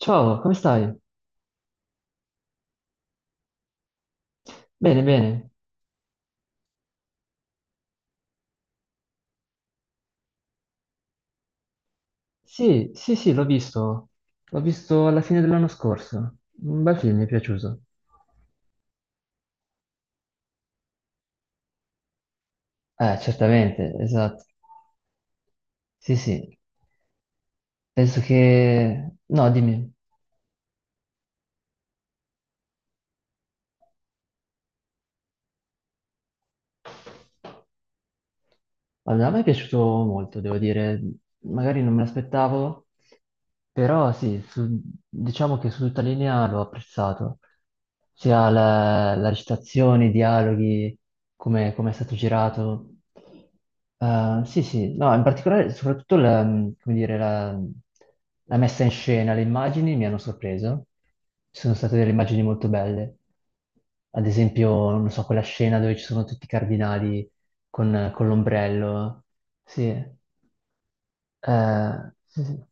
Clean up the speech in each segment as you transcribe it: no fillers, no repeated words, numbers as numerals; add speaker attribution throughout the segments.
Speaker 1: Ciao, come stai? Bene, bene. Sì, sì, sì, l'ho visto. L'ho visto alla fine dell'anno scorso. Un bel film, mi è piaciuto. Certamente, esatto. Sì, sì. Penso che... No, dimmi. Allora, a me è piaciuto molto, devo dire, magari non me l'aspettavo, però sì, diciamo che su tutta linea l'ho apprezzato, sia la recitazione, i dialoghi, come, come è stato girato. Sì, sì, no, in particolare soprattutto la, come dire, la, la messa in scena, le immagini mi hanno sorpreso, ci sono state delle immagini molto belle, ad esempio, non so, quella scena dove ci sono tutti i cardinali con l'ombrello. Sì, sì,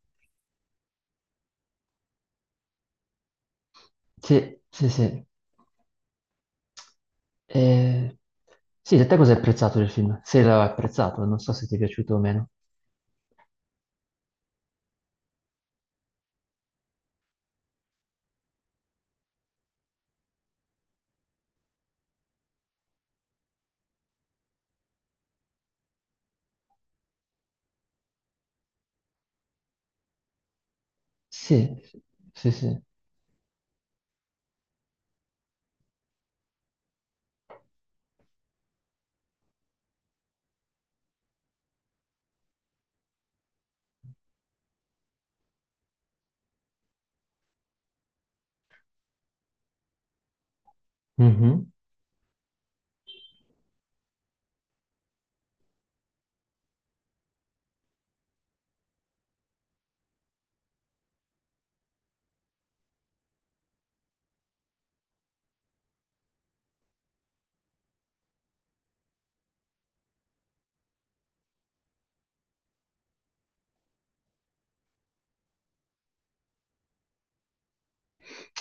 Speaker 1: sì, sì, sì. Sì. Eh, sì, da te cosa hai apprezzato del film? Se l'hai apprezzato, non so se ti è piaciuto o meno. Sì, sì, sì. Mhm.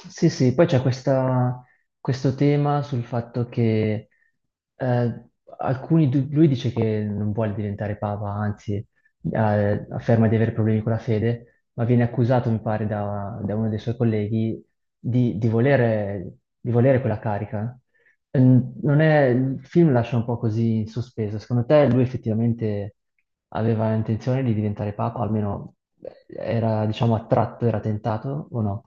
Speaker 1: Sì, sì, questo tema sul fatto che eh, alcuni, lui dice che non vuole diventare papa, anzi afferma di avere problemi con la fede, ma viene accusato, mi pare, da uno dei suoi colleghi di volere, di volere quella carica. Non è, il film lascia un po' così in sospeso. Secondo te lui effettivamente aveva intenzione di diventare papa, almeno era, diciamo, attratto, era tentato o no?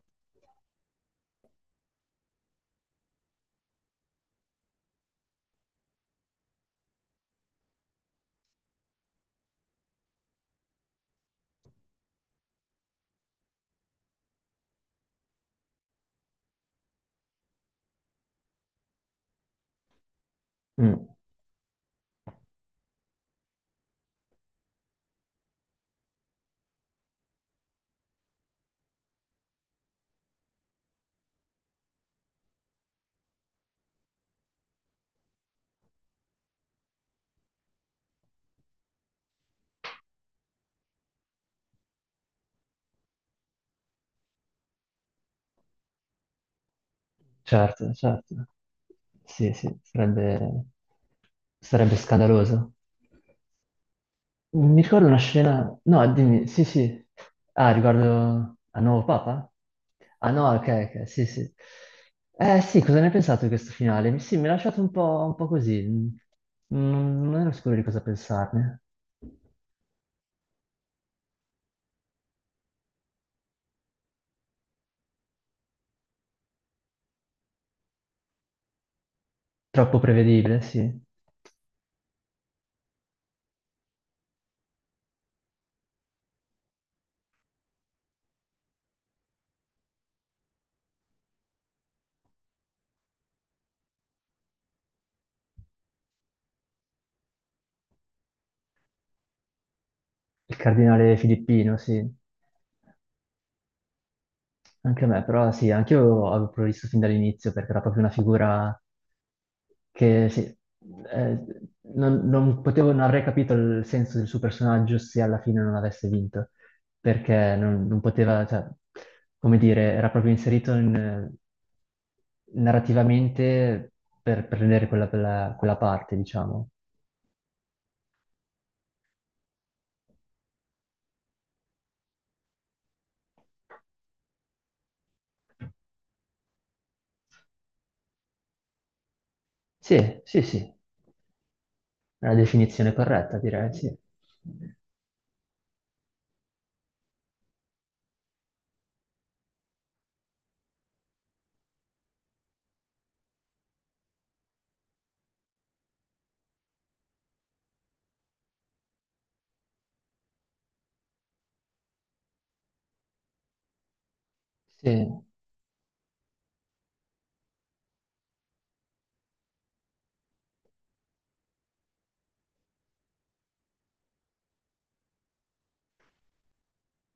Speaker 1: Mm. Certo, certo. Sì, sì, sarebbe, sarebbe scandaloso. Mi ricordo una scena... No, dimmi, sì, sì. Ah, riguardo al nuovo Papa? Ah no, ok, ok, sì, sì. Eh sì, cosa ne hai pensato di questo finale? Sì, mi ha lasciato un po' così. Non, non ero sicuro di cosa pensarne. Troppo prevedibile, sì. Il cardinale Filippino, sì. Anche a me, però sì, anche io avevo previsto fin dall'inizio perché era proprio una figura che sì, eh, non, non potevo, non avrei capito il senso del suo personaggio se alla fine non avesse vinto, perché non, non poteva, cioè, come dire, era proprio inserito in, narrativamente per prendere quella, quella parte, diciamo. Sì, sì, sì, è la definizione corretta, direi, sì. Sì.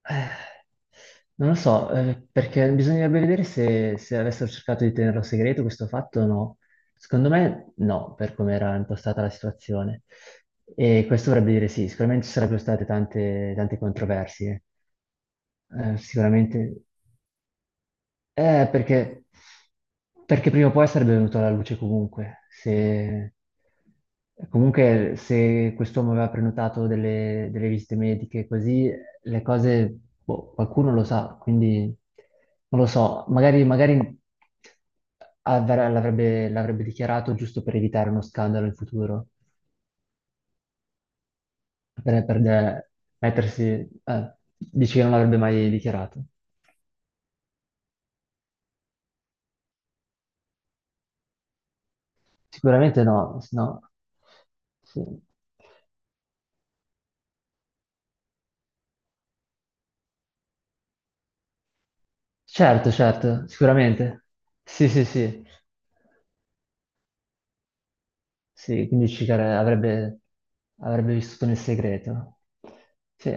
Speaker 1: Eh, non lo so, perché bisognerebbe vedere se, se avessero cercato di tenerlo segreto questo fatto o no. Secondo me no, per come era impostata la situazione. E questo vorrebbe dire sì, sicuramente ci sarebbero state tante, tante controversie. Sicuramente eh, perché, perché prima o poi sarebbe venuto alla luce comunque. Se, comunque, se quest'uomo aveva prenotato delle visite mediche, così le cose, boh, qualcuno lo sa, quindi non lo so, magari, magari l'avrebbe dichiarato giusto per evitare uno scandalo in futuro, per, mettersi, dici che non l'avrebbe mai dichiarato. Sicuramente no, se no, sì. Certo, certo, sicuramente. Sì, sì, sì. Sì, quindi Cicar avrebbe, avrebbe vissuto nel segreto. Sì.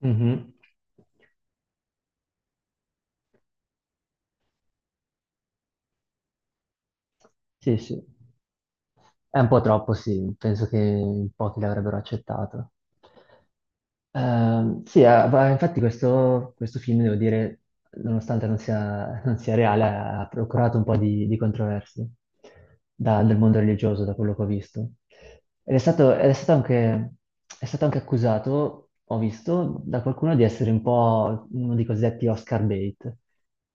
Speaker 1: Mhm. Sì, sì. È un po' troppo, sì. Penso che in pochi l'avrebbero accettato. Sì, ah, infatti questo, questo film, devo dire, nonostante non sia, non sia reale, ha procurato un po' di controversie dal mondo religioso, da quello che ho visto. Ed è stato anche accusato, ho visto, da qualcuno di essere un po' uno dei cosiddetti Oscar bait,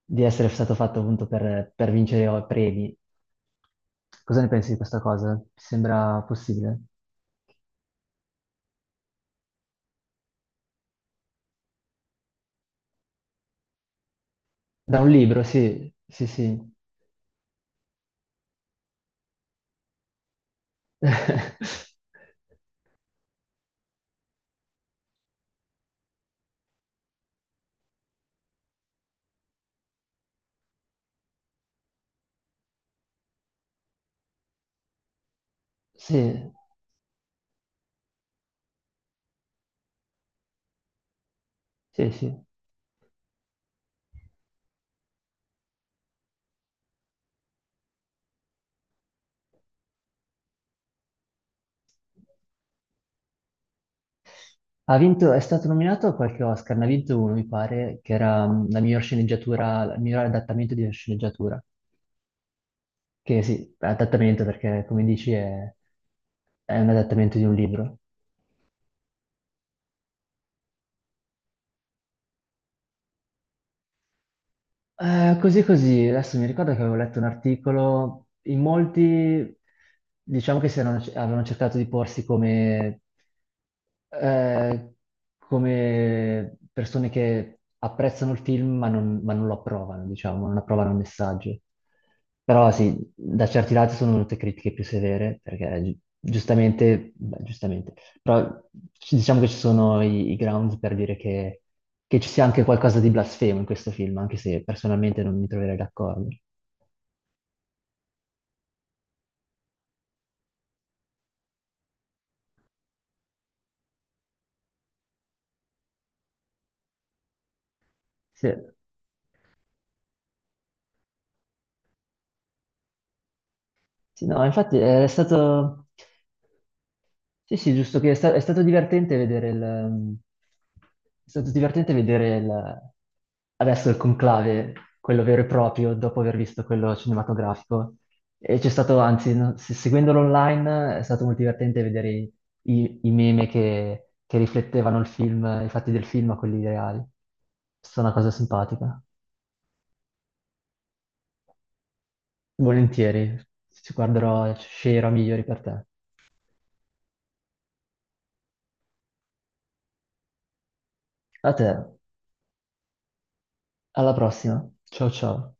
Speaker 1: di essere stato fatto appunto per vincere premi. Cosa ne pensi di questa cosa? Ti sembra possibile? Da un libro, sì, sì, sì. Sì, sì, sì. Ha vinto, è stato nominato a qualche Oscar, ne ha vinto uno, mi pare, che era mm, la miglior sceneggiatura, il miglior adattamento di una sceneggiatura. Che sì, adattamento perché, come dici, è un adattamento di un libro. Così così, adesso mi ricordo che avevo letto un articolo, in molti diciamo che avevano cercato di porsi come, eh, come persone che apprezzano il film ma non lo approvano, diciamo, non approvano il messaggio. Però sì, da certi lati sono venute critiche più severe, perché giustamente, beh, giustamente, però diciamo che ci sono i, i grounds per dire che ci sia anche qualcosa di blasfemo in questo film, anche se personalmente non mi troverei d'accordo. Sì, sì, no, infatti è stato... Sì, sì, giusto che è, è stato divertente vedere il... è stato divertente vedere adesso il conclave, quello vero e proprio, dopo aver visto quello cinematografico. E c'è stato, anzi, no, seguendolo online è stato molto divertente vedere i, i meme che riflettevano il film, i fatti del film a quelli reali. È stata una cosa simpatica. Volentieri, ci guarderò, sceglierò migliori per te. A te, alla prossima. Ciao ciao.